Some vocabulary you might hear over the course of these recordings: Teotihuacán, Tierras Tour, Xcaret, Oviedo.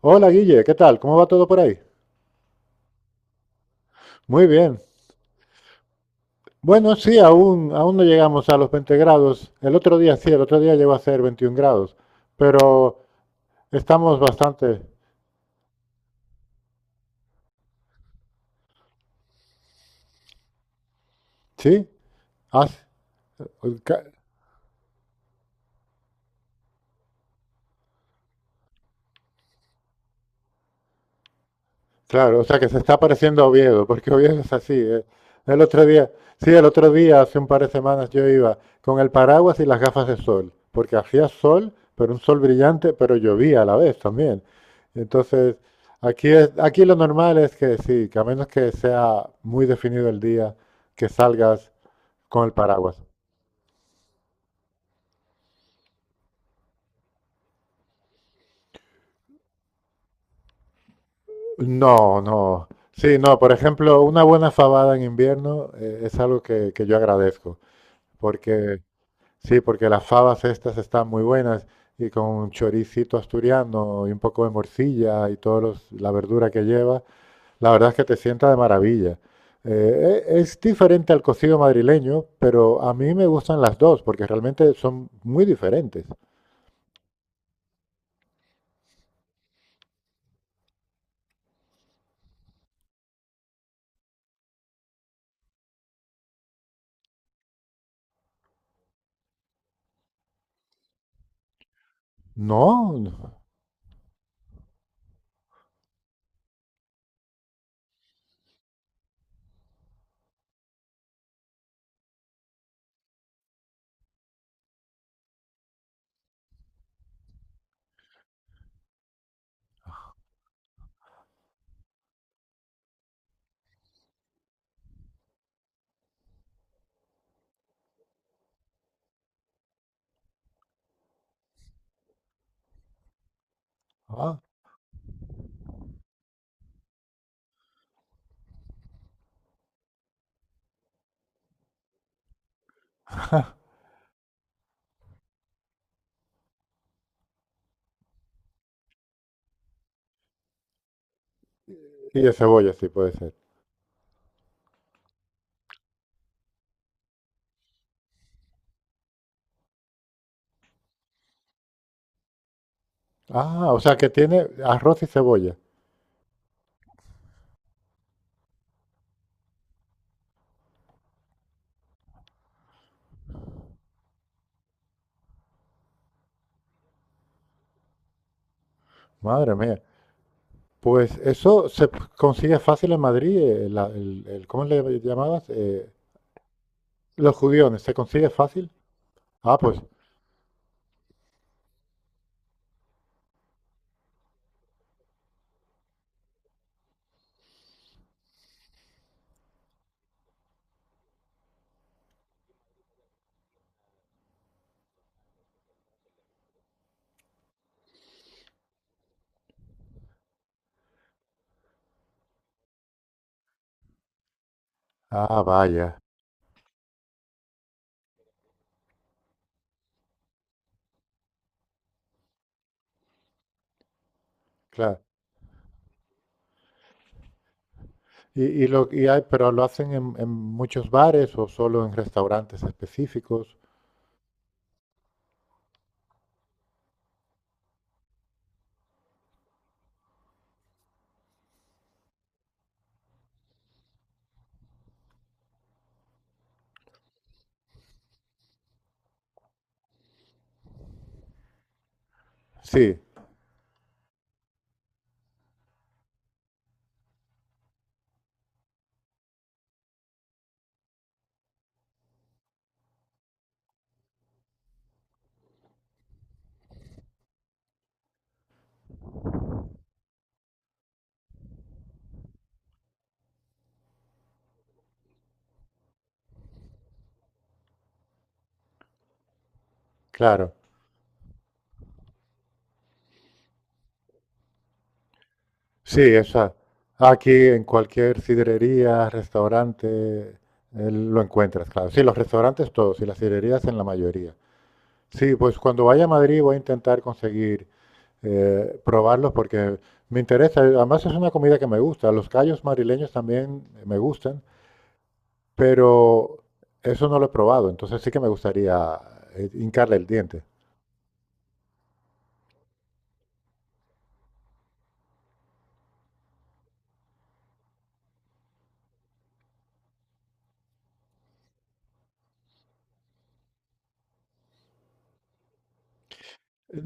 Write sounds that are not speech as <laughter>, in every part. Hola Guille, ¿qué tal? ¿Cómo va todo por ahí? Muy bien. Bueno, sí, aún no llegamos a los 20 grados. El otro día sí, el otro día llegó a ser 21 grados, pero estamos bastante. ¿Sí? Ah, sí. Ca- Claro, o sea que se está pareciendo a Oviedo, porque Oviedo es así, ¿eh? El otro día, sí, el otro día, hace un par de semanas, yo iba con el paraguas y las gafas de sol, porque hacía sol, pero un sol brillante, pero llovía a la vez también. Entonces, aquí lo normal es que sí, que a menos que sea muy definido el día, que salgas con el paraguas. No, no. Sí, no, por ejemplo, una buena fabada en invierno es algo que yo agradezco, porque sí, porque las fabas estas están muy buenas y con un choricito asturiano y un poco de morcilla y toda la verdura que lleva, la verdad es que te sienta de maravilla. Es diferente al cocido madrileño, pero a mí me gustan las dos porque realmente son muy diferentes. No, no. Ah, y de cebolla sí puede ser. Ah, o sea que tiene arroz y cebolla. Madre mía. Pues eso se consigue fácil en Madrid. ¿Cómo le llamabas? Los judiones, ¿se consigue fácil? Ah, pues. Ah, vaya. Claro. Pero lo hacen en muchos bares o solo en restaurantes específicos. Sí, claro. Sí, esa. Aquí en cualquier sidrería, restaurante, eh, lo encuentras, claro. Sí, los restaurantes todos y las sidrerías en la mayoría. Sí, pues cuando vaya a Madrid voy a intentar conseguir probarlos porque me interesa. Además es una comida que me gusta. Los callos madrileños también me gustan, pero eso no lo he probado, entonces sí que me gustaría hincarle el diente.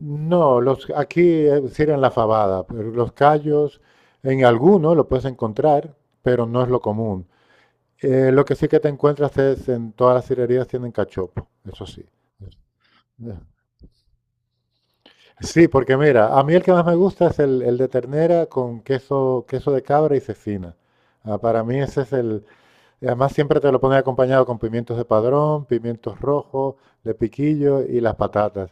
No, aquí sirven la fabada, pero los callos en alguno lo puedes encontrar, pero no es lo común. Lo que sí que te encuentras es en todas las cirerías tienen cachopo, eso sí. Sí, porque mira, a mí el que más me gusta es el de ternera con queso, queso de cabra y cecina. Ah, para mí ese es. Y además siempre te lo ponen acompañado con pimientos de padrón, pimientos rojos, de piquillo y las patatas.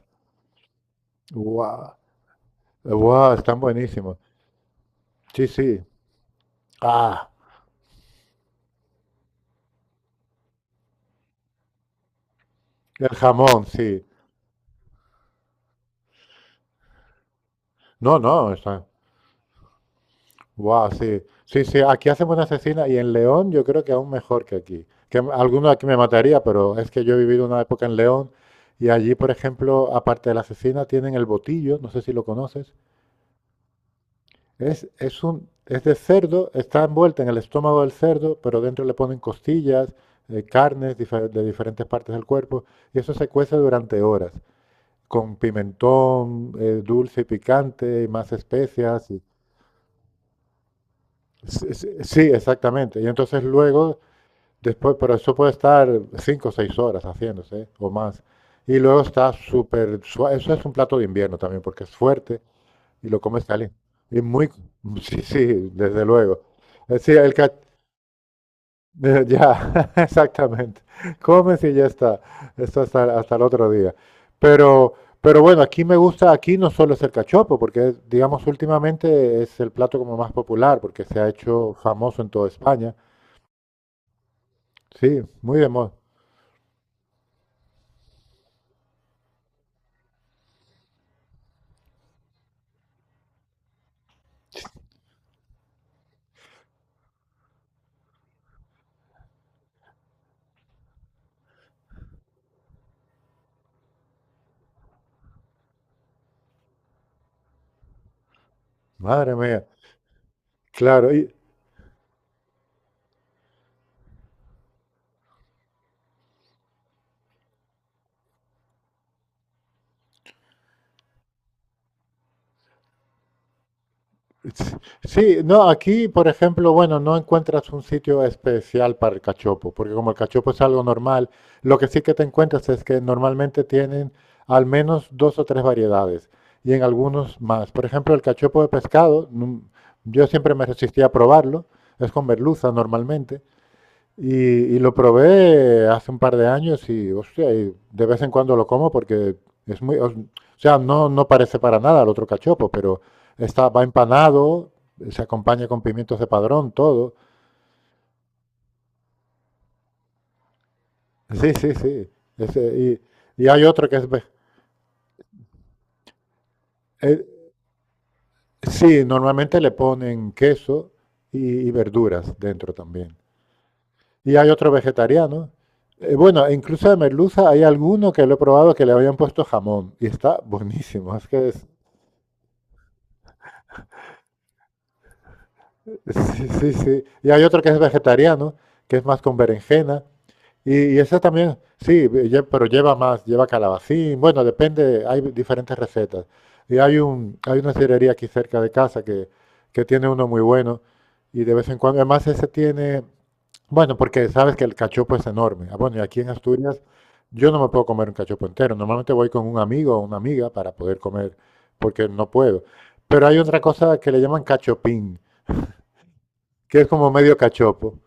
¡Guau! ¡Guau! Están buenísimos. Sí, sí. ¡Ah! El jamón, sí. No, no, está. ¡Guau! Sí. Sí, sí. Aquí hacen buena cecina y en León yo creo que aún mejor que aquí. Que alguno aquí me mataría, pero es que yo he vivido una época en León y allí, por ejemplo, aparte de la cecina, tienen el botillo, no sé si lo conoces. Es es de cerdo, está envuelta en el estómago del cerdo, pero dentro le ponen costillas, carnes de diferentes partes del cuerpo, y eso se cuece durante horas, con pimentón dulce y picante, y más especias. Sí, sí, sí, exactamente. Y entonces luego, después, pero eso puede estar 5 o 6 horas haciéndose, ¿eh? O más. Y luego está súper suave. Eso es un plato de invierno también, porque es fuerte. Y lo comes caliente. Y sí, sí, desde luego. Sí, ya, <laughs> exactamente. Comes y ya está. Esto hasta el otro día. Pero, pero bueno, aquí me gusta, aquí no solo es el cachopo, porque digamos últimamente es el plato como más popular, porque se ha hecho famoso en toda España. Sí, muy de moda. Madre mía. Claro. Sí, no, aquí, por ejemplo, bueno, no encuentras un sitio especial para el cachopo, porque como el cachopo es algo normal, lo que sí que te encuentras es que normalmente tienen al menos dos o tres variedades y en algunos más. Por ejemplo, el cachopo de pescado, yo siempre me resistía a probarlo, es con merluza normalmente, y, y lo probé hace un par de años y, hostia, y de vez en cuando lo como porque es muy, o sea, no, no parece para nada al otro cachopo, pero va empanado, se acompaña con pimientos de padrón, todo. Sí, sí, sí. Ese- y hay otro que es, eh, sí, normalmente le ponen queso y, y verduras dentro también. Y hay otro vegetariano. Bueno, incluso de merluza hay alguno que lo he probado que le habían puesto jamón y está buenísimo. Sí, sí, sí. Y hay otro que es vegetariano, que es más con berenjena. Y ese también, sí, pero lleva más, lleva calabacín. Bueno, depende, hay diferentes recetas. Y hay una sidrería aquí cerca de casa que tiene uno muy bueno. Y de vez en cuando, además ese tiene, bueno, porque sabes que el cachopo es enorme. Ah, bueno, y aquí en Asturias yo no me puedo comer un cachopo entero. Normalmente voy con un amigo o una amiga para poder comer, porque no puedo. Pero hay otra cosa que le llaman cachopín que es como medio cachopo.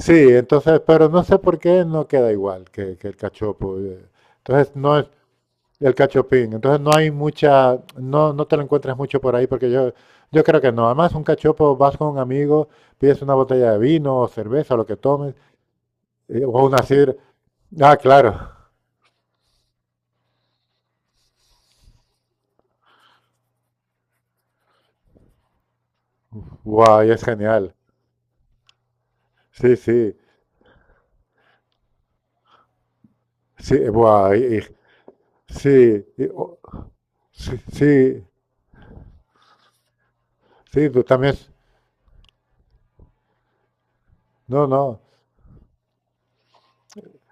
Sí, entonces, pero no sé por qué no queda igual que el cachopo. Entonces, no es el cachopín. Entonces, no hay mucha, no, no te lo encuentras mucho por ahí, porque yo creo que no. Además, un cachopo, vas con un amigo, pides una botella de vino o cerveza, o lo que tomes, o una sidra. Ah, claro. Guay, es genial. Sí, sí. Sí, guay. Sí, sí, sí, sí, tú también. No, no.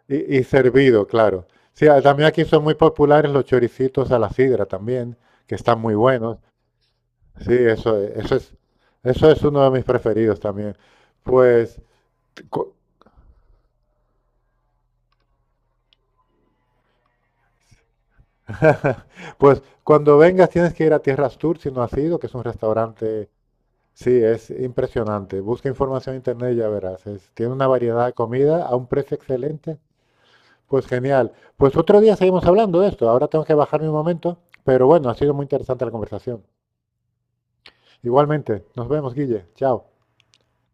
Y servido, claro. Sí, ah, también aquí son muy populares los choricitos a la sidra también, que están muy buenos. Sí, eso es uno de mis preferidos también. Pues, cu- <laughs> pues cuando vengas tienes que ir a Tierras Tour si no has ido, que es un restaurante, sí, es impresionante. Busca información en internet y ya verás. Tiene una variedad de comida a un precio excelente. Pues genial. Pues otro día seguimos hablando de esto. Ahora tengo que bajarme un momento, pero bueno, ha sido muy interesante la conversación. Igualmente, nos vemos, Guille. Chao.